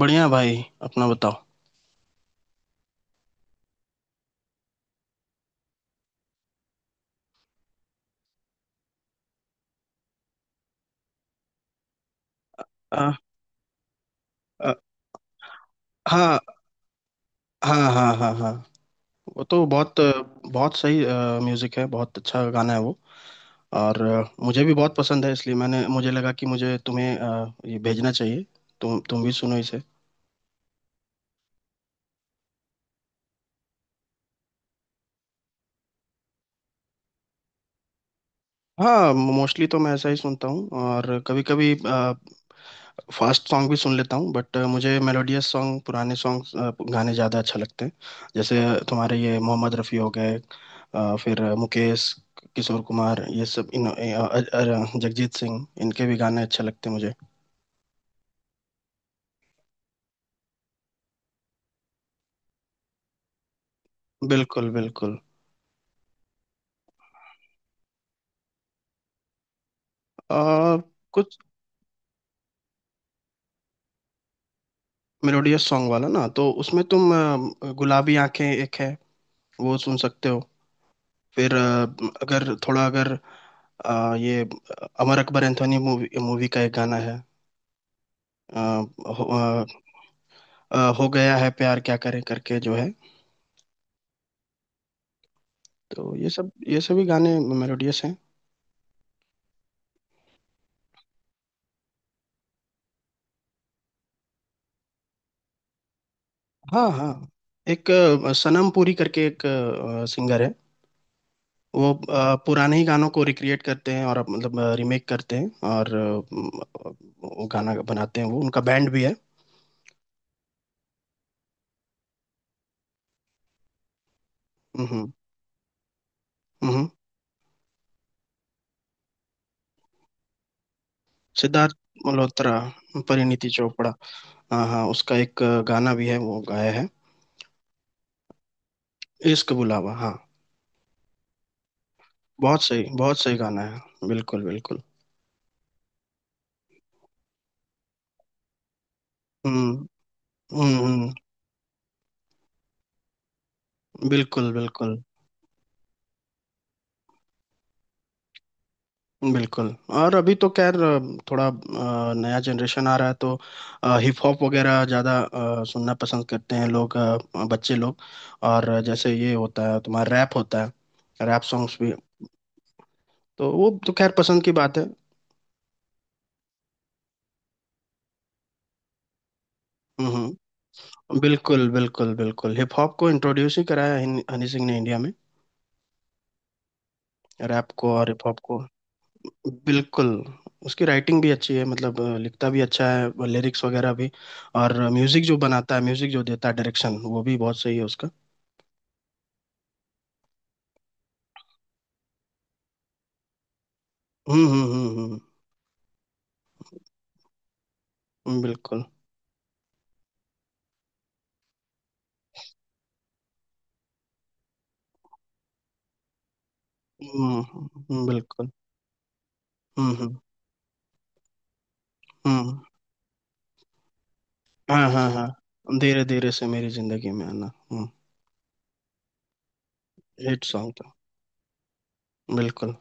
बढ़िया भाई। अपना बताओ। आ, आ, हाँ हाँ हाँ हाँ हाँ। वो तो बहुत बहुत सही म्यूजिक है। बहुत अच्छा गाना है वो। और मुझे भी बहुत पसंद है, इसलिए मैंने मुझे लगा कि मुझे तुम्हें ये भेजना चाहिए। तुम भी सुनो इसे। हाँ, मोस्टली तो मैं ऐसा ही सुनता हूँ, और कभी कभी फास्ट सॉन्ग भी सुन लेता हूँ, बट मुझे मेलोडियस सॉन्ग, पुराने सॉन्ग, गाने ज़्यादा अच्छा लगते हैं। जैसे तुम्हारे ये मोहम्मद रफ़ी हो गए, फिर मुकेश, किशोर कुमार, ये सब इन जगजीत सिंह, इनके भी गाने अच्छे लगते हैं मुझे। बिल्कुल बिल्कुल। आ, कुछ मेलोडियस सॉन्ग वाला ना, तो उसमें तुम गुलाबी आंखें एक है, वो सुन सकते हो। फिर अगर थोड़ा, अगर ये अमर अकबर एंथोनी मूवी मूवी का एक गाना है। आ, हो, आ, आ, हो गया है प्यार क्या करें करके जो है, तो ये सब, ये सभी गाने मेलोडियस हैं। हाँ हाँ। एक सनम पुरी करके एक सिंगर है। वो पुराने ही गानों को रिक्रिएट करते हैं, और अब मतलब रिमेक करते हैं, और वो गाना बनाते हैं, वो उनका बैंड भी है। हम्म हम्म हम्म। सिद्धार्थ मल्होत्रा। परिणीति चोपड़ा। हाँ हाँ, उसका एक गाना भी है वो गाया है। इश्क बुलावा, हाँ। बहुत सही, बहुत सही गाना है, बिल्कुल बिल्कुल। हम्म हम्म हम्म, बिल्कुल बिल्कुल बिल्कुल। और अभी तो खैर थोड़ा नया जनरेशन आ रहा है तो हिप हॉप वगैरह ज़्यादा सुनना पसंद करते हैं लोग, बच्चे लोग। और जैसे ये होता है तुम्हारा रैप होता है, रैप सॉन्ग्स भी। तो वो तो खैर पसंद की बात है। हम्म हम्म, बिल्कुल बिल्कुल बिल्कुल। हिप हॉप को इंट्रोड्यूस ही कराया हनी हनी सिंह ने इंडिया में। रैप को और हिप हॉप को। बिल्कुल। उसकी राइटिंग भी अच्छी है, मतलब लिखता भी अच्छा है, लिरिक्स वगैरह भी। और म्यूजिक जो बनाता है, म्यूजिक जो देता है, डायरेक्शन वो भी बहुत सही है उसका। हम्म हम्म हम्म हम्म, बिल्कुल। हम्म बिल्कुल। हम्म हम्म हम्म। हाँ हाँ हाँ, धीरे धीरे से मेरी जिंदगी में आना। हम्म। हिट सॉन्ग था, बिल्कुल।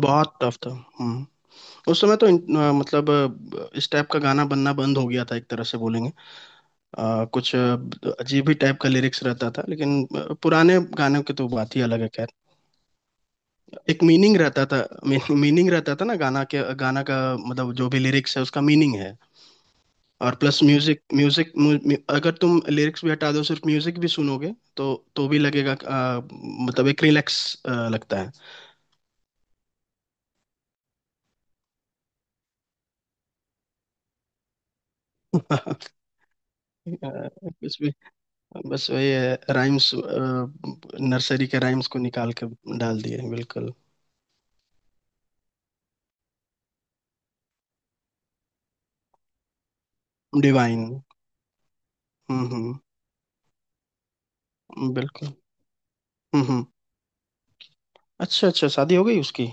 बहुत टफ था। हम्म। उस समय तो मतलब इस टाइप का गाना बनना बंद हो गया था एक तरह से बोलेंगे। कुछ अजीब ही टाइप का लिरिक्स रहता था, लेकिन पुराने गानों की तो बात ही अलग है, खैर। एक मीनिंग रहता था। मीनिंग रहता था ना, गाना के, गाना का मतलब जो भी लिरिक्स है उसका मीनिंग है। और प्लस म्यूजिक म्यूजिक अगर तुम लिरिक्स भी हटा दो, सिर्फ म्यूजिक भी सुनोगे तो तो भी लगेगा मतलब एक रिलैक्स लगता है। अ, कुछ भी, बस वही है। राइम्स, नर्सरी के राइम्स को निकाल के डाल दिए। बिल्कुल। डिवाइन। हम्म। बिल्कुल। हम्म हम्म। अच्छा अच्छा, शादी हो गई उसकी।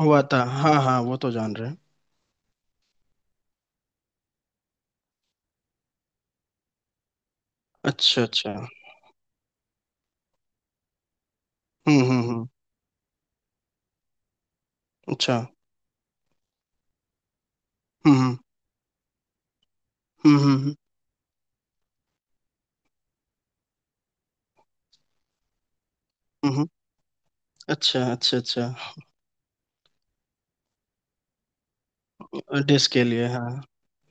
हुआ था हाँ हाँ, वो तो जान रहे हैं। अच्छा अच्छा। हम्म। अच्छा। हम्म हम्म हम्म हम्म हम्म, हम्म, हम्म। अच्छा अच्छा अच्छा। डिस के लिए हाँ।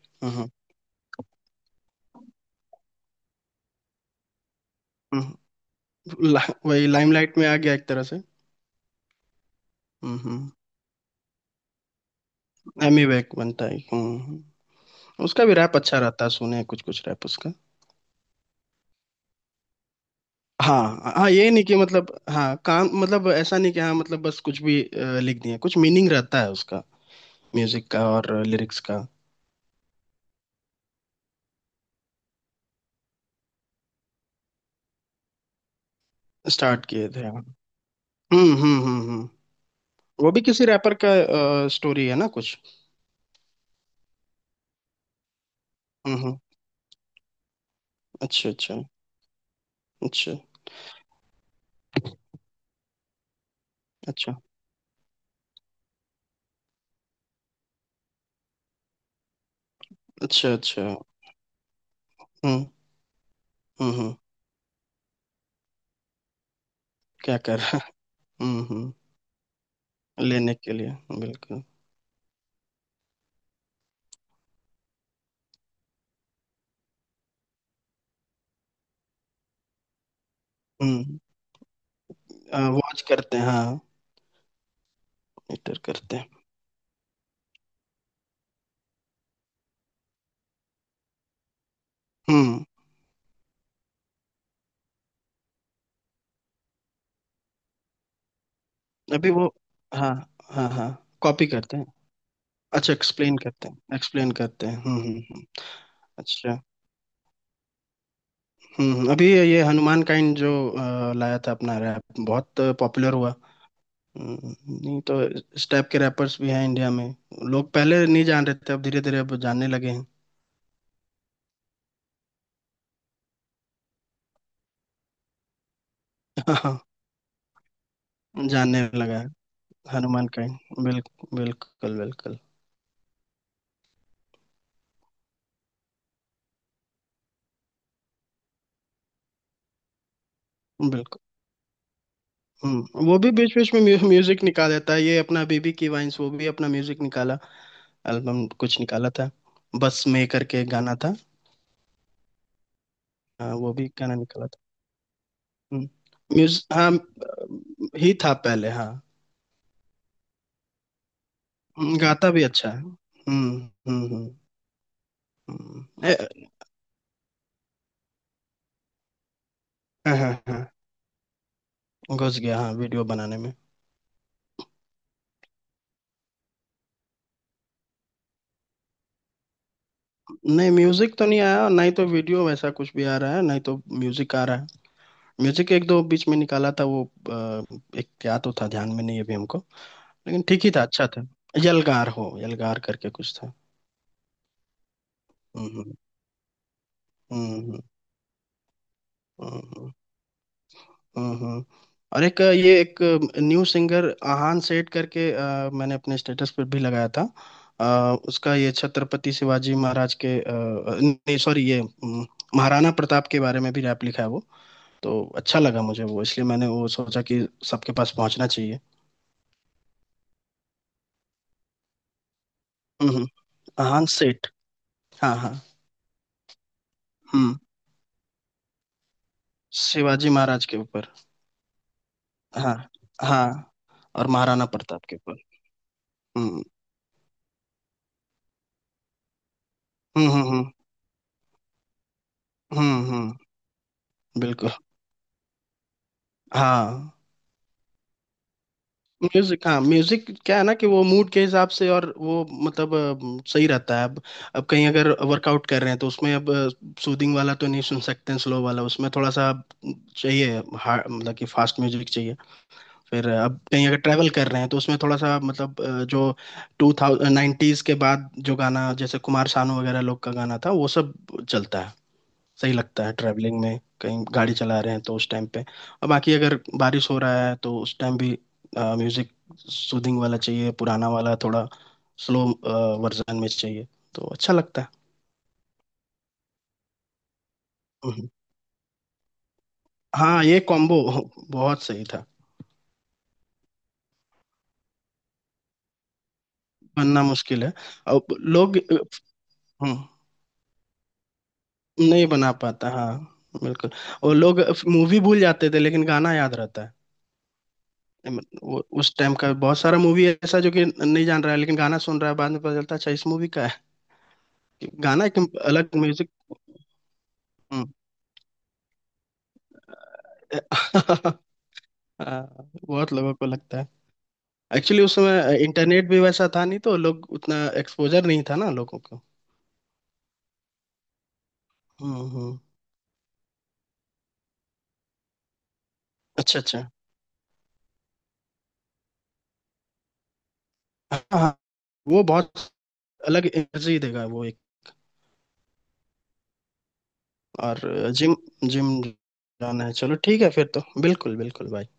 हम्म हम्म हम्म, वही लाइमलाइट में आ गया एक तरह से। हम्म। एमी वैक बनता है। उसका भी रैप अच्छा रहता है, सुने हैं कुछ कुछ रैप उसका। हाँ हाँ, ये नहीं कि मतलब हाँ काम मतलब, ऐसा नहीं कि हाँ मतलब बस कुछ भी लिख दिए, कुछ मीनिंग रहता है उसका म्यूजिक का और लिरिक्स का। स्टार्ट किए थे हाँ। हम्म। वो भी किसी रैपर का स्टोरी है ना कुछ। हम्म हम्म, अच्छा अच्छा अच्छा। अच्छा अच्छा अच्छा। हम्म हम्म। क्या कर रहा है? हम्म, लेने के लिए बिल्कुल। हम्म। वॉच करते हैं हाँ। मीटर करते हैं। हम्म। अभी वो, हाँ हाँ हाँ। कॉपी करते हैं। अच्छा, एक्सप्लेन करते हैं, एक्सप्लेन करते हैं। अच्छा। अभी ये हनुमान काइंड जो लाया था अपना रैप बहुत पॉपुलर हुआ। नहीं तो इस टाइप के रैपर्स भी हैं इंडिया में, लोग पहले नहीं जान रहे थे, अब धीरे धीरे अब जानने लगे हैं। हाँ। जानने लगा है। हनुमान काइंड, बिल्कुल बिल्कुल बिल्कुल बिल्कुल। हम्म, वो भी बीच बीच में म्यूजिक निकाल देता है, ये अपना बीबी की वाइंस वो भी अपना म्यूजिक निकाला, एल्बम कुछ निकाला था, बस में करके एक गाना था। हाँ, वो भी गाना निकाला था। हम्म, म्यूज हाँ ही था पहले, हाँ। गाता भी अच्छा है। हम्म हम्म हम्म, ए- हाँ हाँ हाँ। घुस गया हाँ, वीडियो बनाने में। नहीं, म्यूजिक तो नहीं आया, और ना ही तो वीडियो वैसा कुछ भी आ रहा है, ना ही तो म्यूजिक आ रहा है। म्यूजिक एक दो बीच में निकाला था, वो एक क्या तो था, ध्यान में नहीं है अभी हमको। लेकिन ठीक ही था, अच्छा था। यलगार हो, यलगार करके कुछ था। हम्म हम्म हम्म हम्म हम्म। हम्म, हम्म। और एक ये एक न्यू सिंगर आहान सेठ करके मैंने अपने स्टेटस पर भी लगाया था। अ, उसका ये छत्रपति शिवाजी महाराज के नहीं सॉरी ये महाराणा प्रताप के बारे में भी रैप लिखा है वो। तो अच्छा लगा मुझे वो, इसलिए मैंने वो सोचा कि सबके पास पहुंचना चाहिए। हम्म। अहान सेठ। हाँ हाँ। हम्म। शिवाजी महाराज के ऊपर। हाँ हाँ। और महाराणा प्रताप के ऊपर। हम्म हम्म हम्म हम्म हम्म, हम्म, बिल्कुल। हाँ म्यूजिक, हाँ म्यूजिक क्या है ना, कि वो मूड के हिसाब से और वो मतलब सही रहता है। अब कहीं अगर वर्कआउट कर रहे हैं तो उसमें अब सूदिंग वाला तो नहीं सुन सकते हैं, स्लो वाला, उसमें थोड़ा सा चाहिए, मतलब कि फास्ट म्यूजिक चाहिए। फिर अब कहीं अगर ट्रैवल कर रहे हैं तो उसमें थोड़ा सा मतलब जो टू थाउजेंड नाइन्टीज के बाद जो गाना, जैसे कुमार सानू वगैरह लोग का गाना था, वो सब चलता है, सही लगता है, ट्रैवलिंग में कहीं गाड़ी चला रहे हैं तो उस टाइम पे। और बाकी अगर बारिश हो रहा है तो उस टाइम भी म्यूजिक सूदिंग वाला चाहिए, पुराना वाला, थोड़ा स्लो वर्जन में चाहिए, तो अच्छा लगता है। हम्म। हाँ ये कॉम्बो बहुत सही था। बनना मुश्किल है, अब लोग। हम्म। नहीं बना पाता, हाँ, बिल्कुल। वो लोग मूवी भूल जाते थे लेकिन गाना याद रहता है। वो उस टाइम का बहुत सारा मूवी ऐसा जो कि नहीं जान रहा है, लेकिन गाना सुन रहा है बाद में, पता चलता है अच्छा इस मूवी का है। गाना एक अलग म्यूजिक। हम्म। हाँ, बहुत लोगों को लगता है। एक्चुअली उस समय इंटरनेट भी वैसा था नहीं, तो लोग उतना एक्सपोजर नहीं था ना लोगों को। हम्म। अच्छा अच्छा, हाँ हाँ, वो बहुत अलग एनर्जी देगा वो। और जिम जिम जाना है चलो, ठीक है फिर तो, बिल्कुल बिल्कुल भाई।